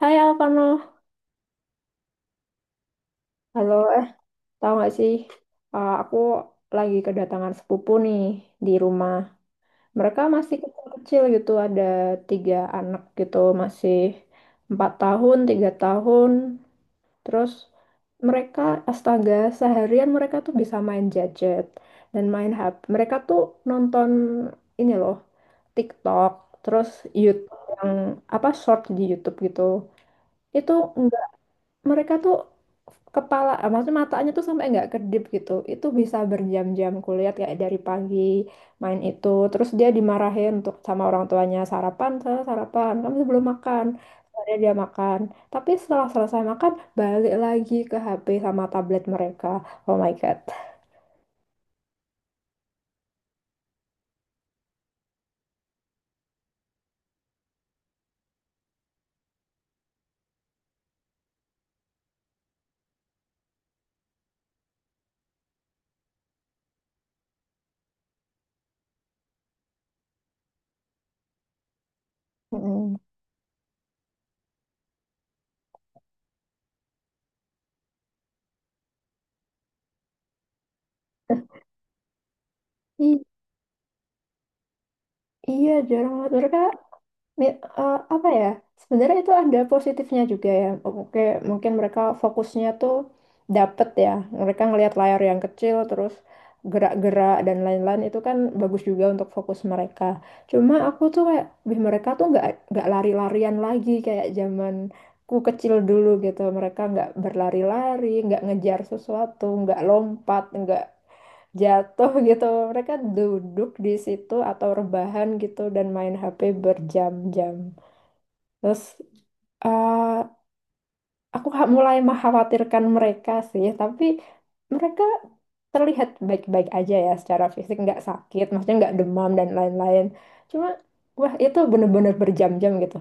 Hai Alvano, halo, tahu nggak sih, aku lagi kedatangan sepupu nih di rumah. Mereka masih kecil-kecil gitu, ada tiga anak gitu, masih 4 tahun, 3 tahun. Terus mereka, astaga, seharian mereka tuh bisa main gadget dan main HP. Mereka tuh nonton, ini loh, TikTok, terus YouTube yang apa, short di YouTube gitu. Itu mereka tuh maksudnya matanya tuh sampai nggak kedip gitu, itu bisa berjam-jam kulihat, kayak dari pagi main itu terus. Dia dimarahin untuk sama orang tuanya, sarapan, saya sarapan, kamu belum makan. Akhirnya dia makan, tapi setelah selesai makan balik lagi ke HP sama tablet mereka. Oh my god. Mm-mm. I- iya, jarang banget mereka. Apa ya, sebenarnya itu ada positifnya juga ya. Oke, mungkin mereka fokusnya tuh dapet ya, mereka ngelihat layar yang kecil terus gerak-gerak dan lain-lain, itu kan bagus juga untuk fokus mereka. Cuma aku tuh kayak, "Wih, mereka tuh nggak lari-larian lagi kayak zamanku kecil dulu, gitu, mereka nggak berlari-lari, nggak ngejar sesuatu, nggak lompat, nggak jatuh gitu." Mereka duduk di situ atau rebahan gitu dan main HP berjam-jam. Terus eh, aku mulai mengkhawatirkan mereka sih, tapi mereka terlihat baik-baik aja ya secara fisik, nggak sakit, maksudnya nggak demam dan lain-lain. Cuma, wah, itu bener-bener berjam-jam gitu.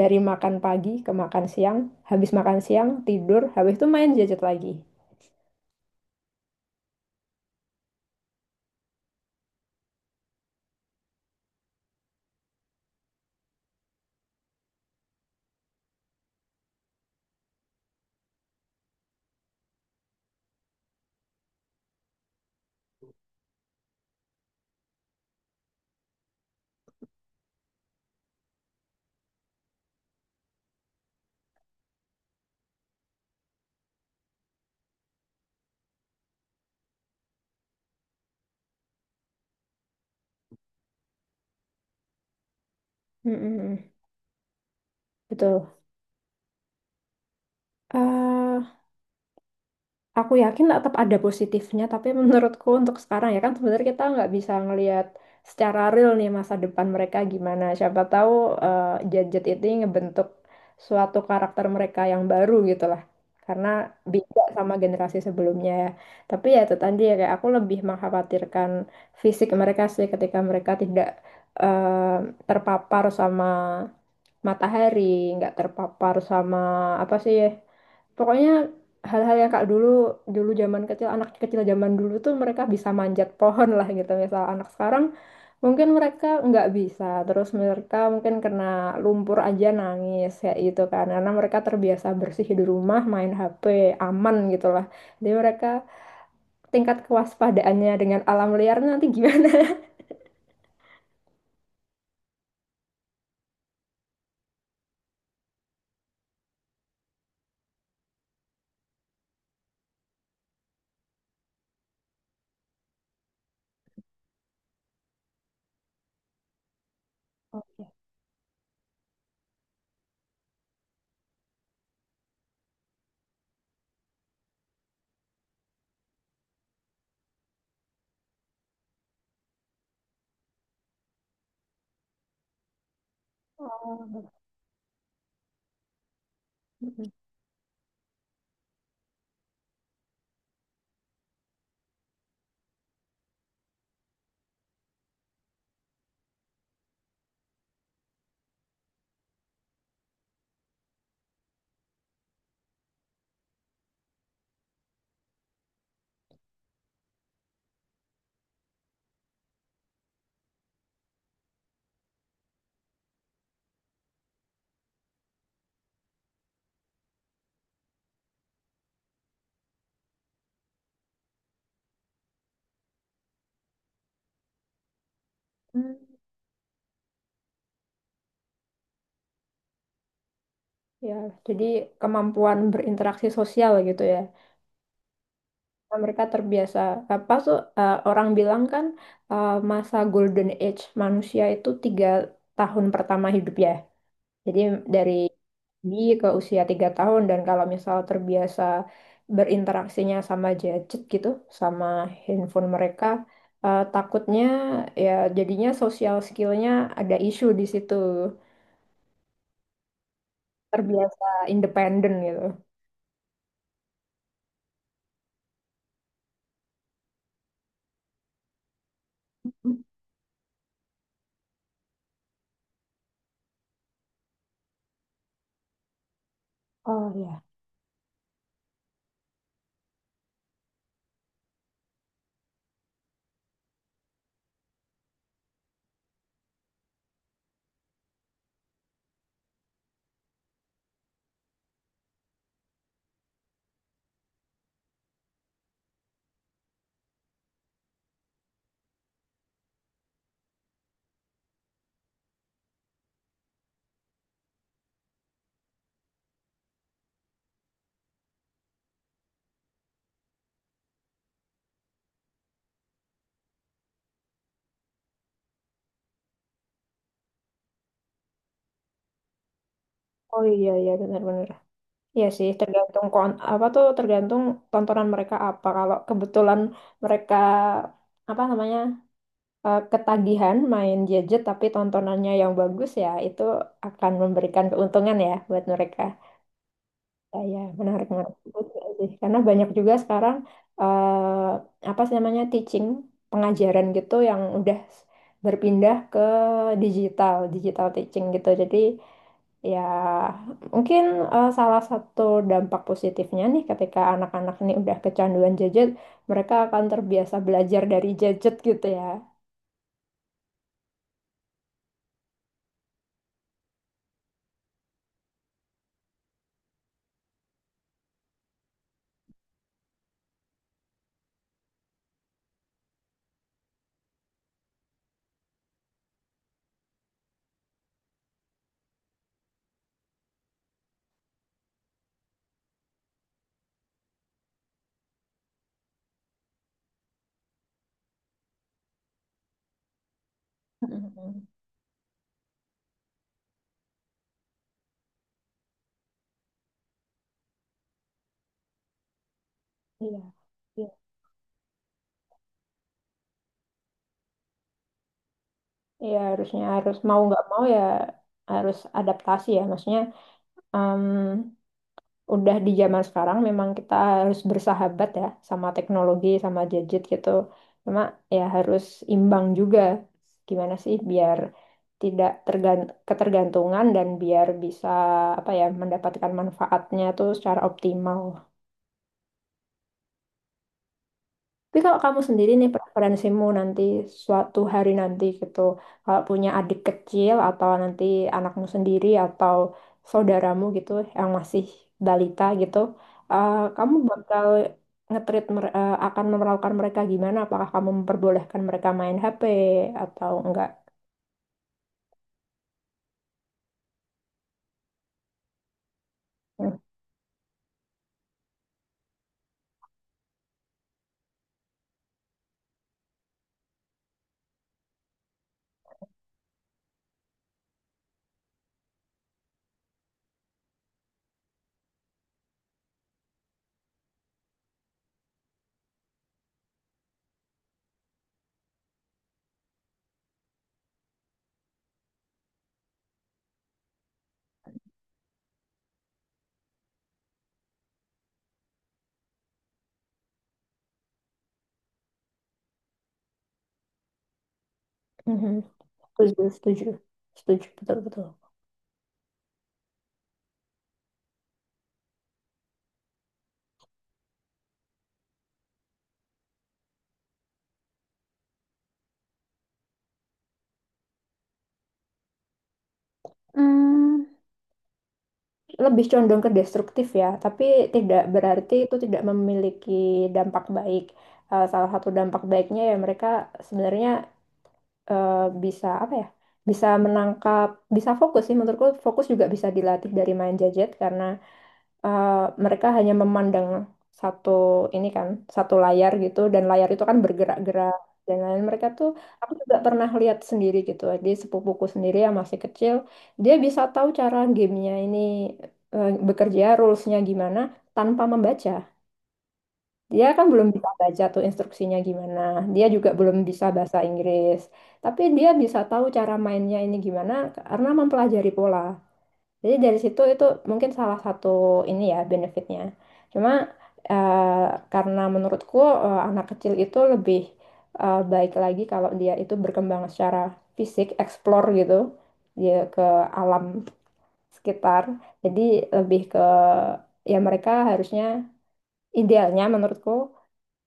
Dari makan pagi ke makan siang, habis makan siang tidur, habis itu main gadget lagi. Mm-mm. Betul. Eh, aku yakin tetap ada positifnya, tapi menurutku untuk sekarang ya kan, sebenarnya kita nggak bisa ngelihat secara real nih masa depan mereka gimana. Siapa tahu eh, gadget ini ngebentuk suatu karakter mereka yang baru gitu lah. Karena beda sama generasi sebelumnya ya. Tapi ya itu tadi ya, kayak aku lebih mengkhawatirkan fisik mereka sih ketika mereka tidak eh, terpapar sama matahari, nggak terpapar sama apa sih ya. Pokoknya hal-hal yang kak dulu, dulu zaman kecil, anak kecil zaman dulu tuh mereka bisa manjat pohon lah gitu misal. Anak sekarang mungkin mereka nggak bisa, terus mereka mungkin kena lumpur aja nangis ya gitu kan, karena mereka terbiasa bersih di rumah main HP aman gitu lah. Jadi mereka, tingkat kewaspadaannya dengan alam liarnya nanti gimana. Oke. Oh, bagus. Ya, jadi kemampuan berinteraksi sosial gitu ya. Nah, mereka terbiasa apa tuh, orang bilang kan masa golden age manusia itu 3 tahun pertama hidup ya. Jadi dari bayi ke usia 3 tahun, dan kalau misal terbiasa berinteraksinya sama gadget gitu, sama handphone mereka, takutnya ya jadinya sosial skillnya ada isu di situ. Terbiasa independen gitu. Oh ya. Oh, iya, iya, benar-benar. Iya sih, tergantung apa tuh, tergantung tontonan mereka apa. Kalau kebetulan mereka apa namanya ketagihan main gadget tapi tontonannya yang bagus, ya itu akan memberikan keuntungan ya buat mereka. Ah, ya, menarik, menarik. Betul sih. Karena banyak juga sekarang apa sih namanya, teaching, pengajaran gitu, yang udah berpindah ke digital, digital teaching gitu. Jadi ya mungkin salah satu dampak positifnya nih, ketika anak-anak ini udah kecanduan gadget, mereka akan terbiasa belajar dari gadget gitu ya. Mhm. Iya. Iya, iya, harusnya, harus mau nggak mau ya, harus adaptasi ya. Maksudnya, mmm, udah di zaman sekarang memang kita harus bersahabat ya sama teknologi, sama gadget gitu. Cuma ya harus imbang juga. Gimana sih biar tidak ketergantungan, dan biar bisa apa ya, mendapatkan manfaatnya tuh secara optimal. Tapi kalau kamu sendiri nih, preferensimu nanti suatu hari nanti gitu, kalau punya adik kecil atau nanti anakmu sendiri atau saudaramu gitu yang masih balita gitu, kamu bakal akan memperlakukan mereka gimana? Apakah kamu memperbolehkan mereka main HP atau enggak? Hmm. Mhm. Setuju, setuju, setuju, betul-betul. Hmm, lebih condong ke destruktif ya, tapi tidak berarti itu tidak memiliki dampak baik. Salah satu dampak baiknya ya, mereka sebenarnya eh, bisa apa ya? Bisa menangkap, bisa fokus sih menurutku, fokus juga bisa dilatih dari main jajet, karena eh, mereka hanya memandang satu, ini kan satu layar gitu, dan layar itu kan bergerak-gerak dan lain, mereka tuh. Aku juga pernah lihat sendiri gitu di sepupuku sendiri yang masih kecil, dia bisa tahu cara gamenya ini bekerja, rulesnya gimana, tanpa membaca. Dia kan belum bisa baca tuh instruksinya gimana, dia juga belum bisa bahasa Inggris, tapi dia bisa tahu cara mainnya ini gimana karena mempelajari pola. Jadi dari situ itu mungkin salah satu ini ya benefitnya. Cuma karena menurutku anak kecil itu lebih baik lagi kalau dia itu berkembang secara fisik, explore gitu, dia ke alam sekitar. Jadi lebih ke, ya mereka harusnya, idealnya menurutku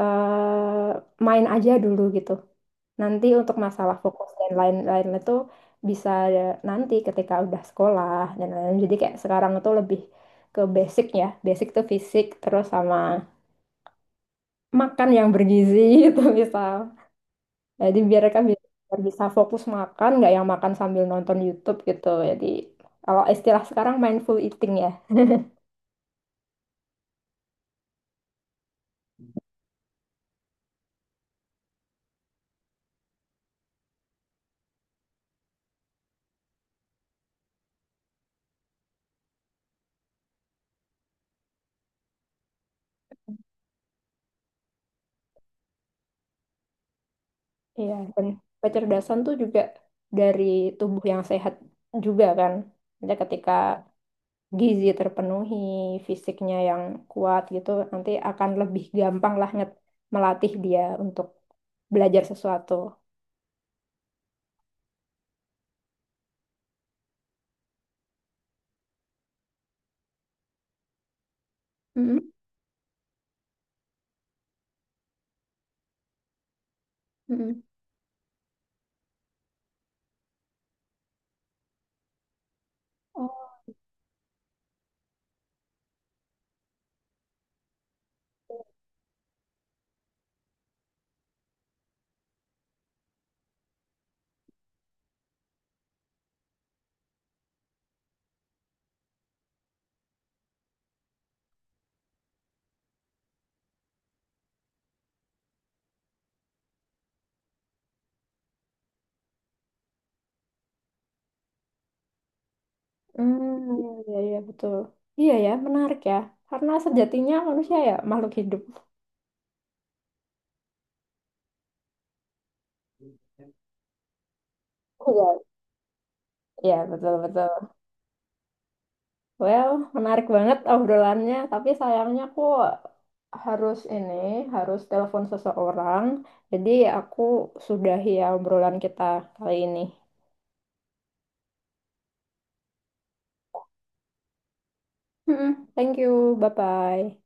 eh, main aja dulu gitu. Nanti untuk masalah fokus dan lain-lain itu bisa nanti ketika udah sekolah dan lain-lain. Jadi kayak sekarang itu lebih ke basic ya. Basic tuh fisik, terus sama makan yang bergizi gitu misal. Jadi biar kan bisa, biar bisa fokus makan, nggak yang makan sambil nonton YouTube gitu. Jadi kalau istilah sekarang mindful eating ya. Iya, dan kecerdasan tuh juga dari tubuh yang sehat juga kan. Jadi ketika gizi terpenuhi, fisiknya yang kuat gitu, nanti akan lebih gampang lah melatih dia untuk belajar sesuatu. Mm-mm. Mm-mm. Oh, mm, iya, iya, betul. Iya ya, menarik ya. Karena sejatinya manusia ya makhluk hidup. Iya, iya, betul, betul. Well, menarik banget obrolannya, tapi sayangnya aku harus ini, harus telepon seseorang. Jadi aku sudahi ya obrolan kita kali ini. Mm-mm. Thank you, bye-bye.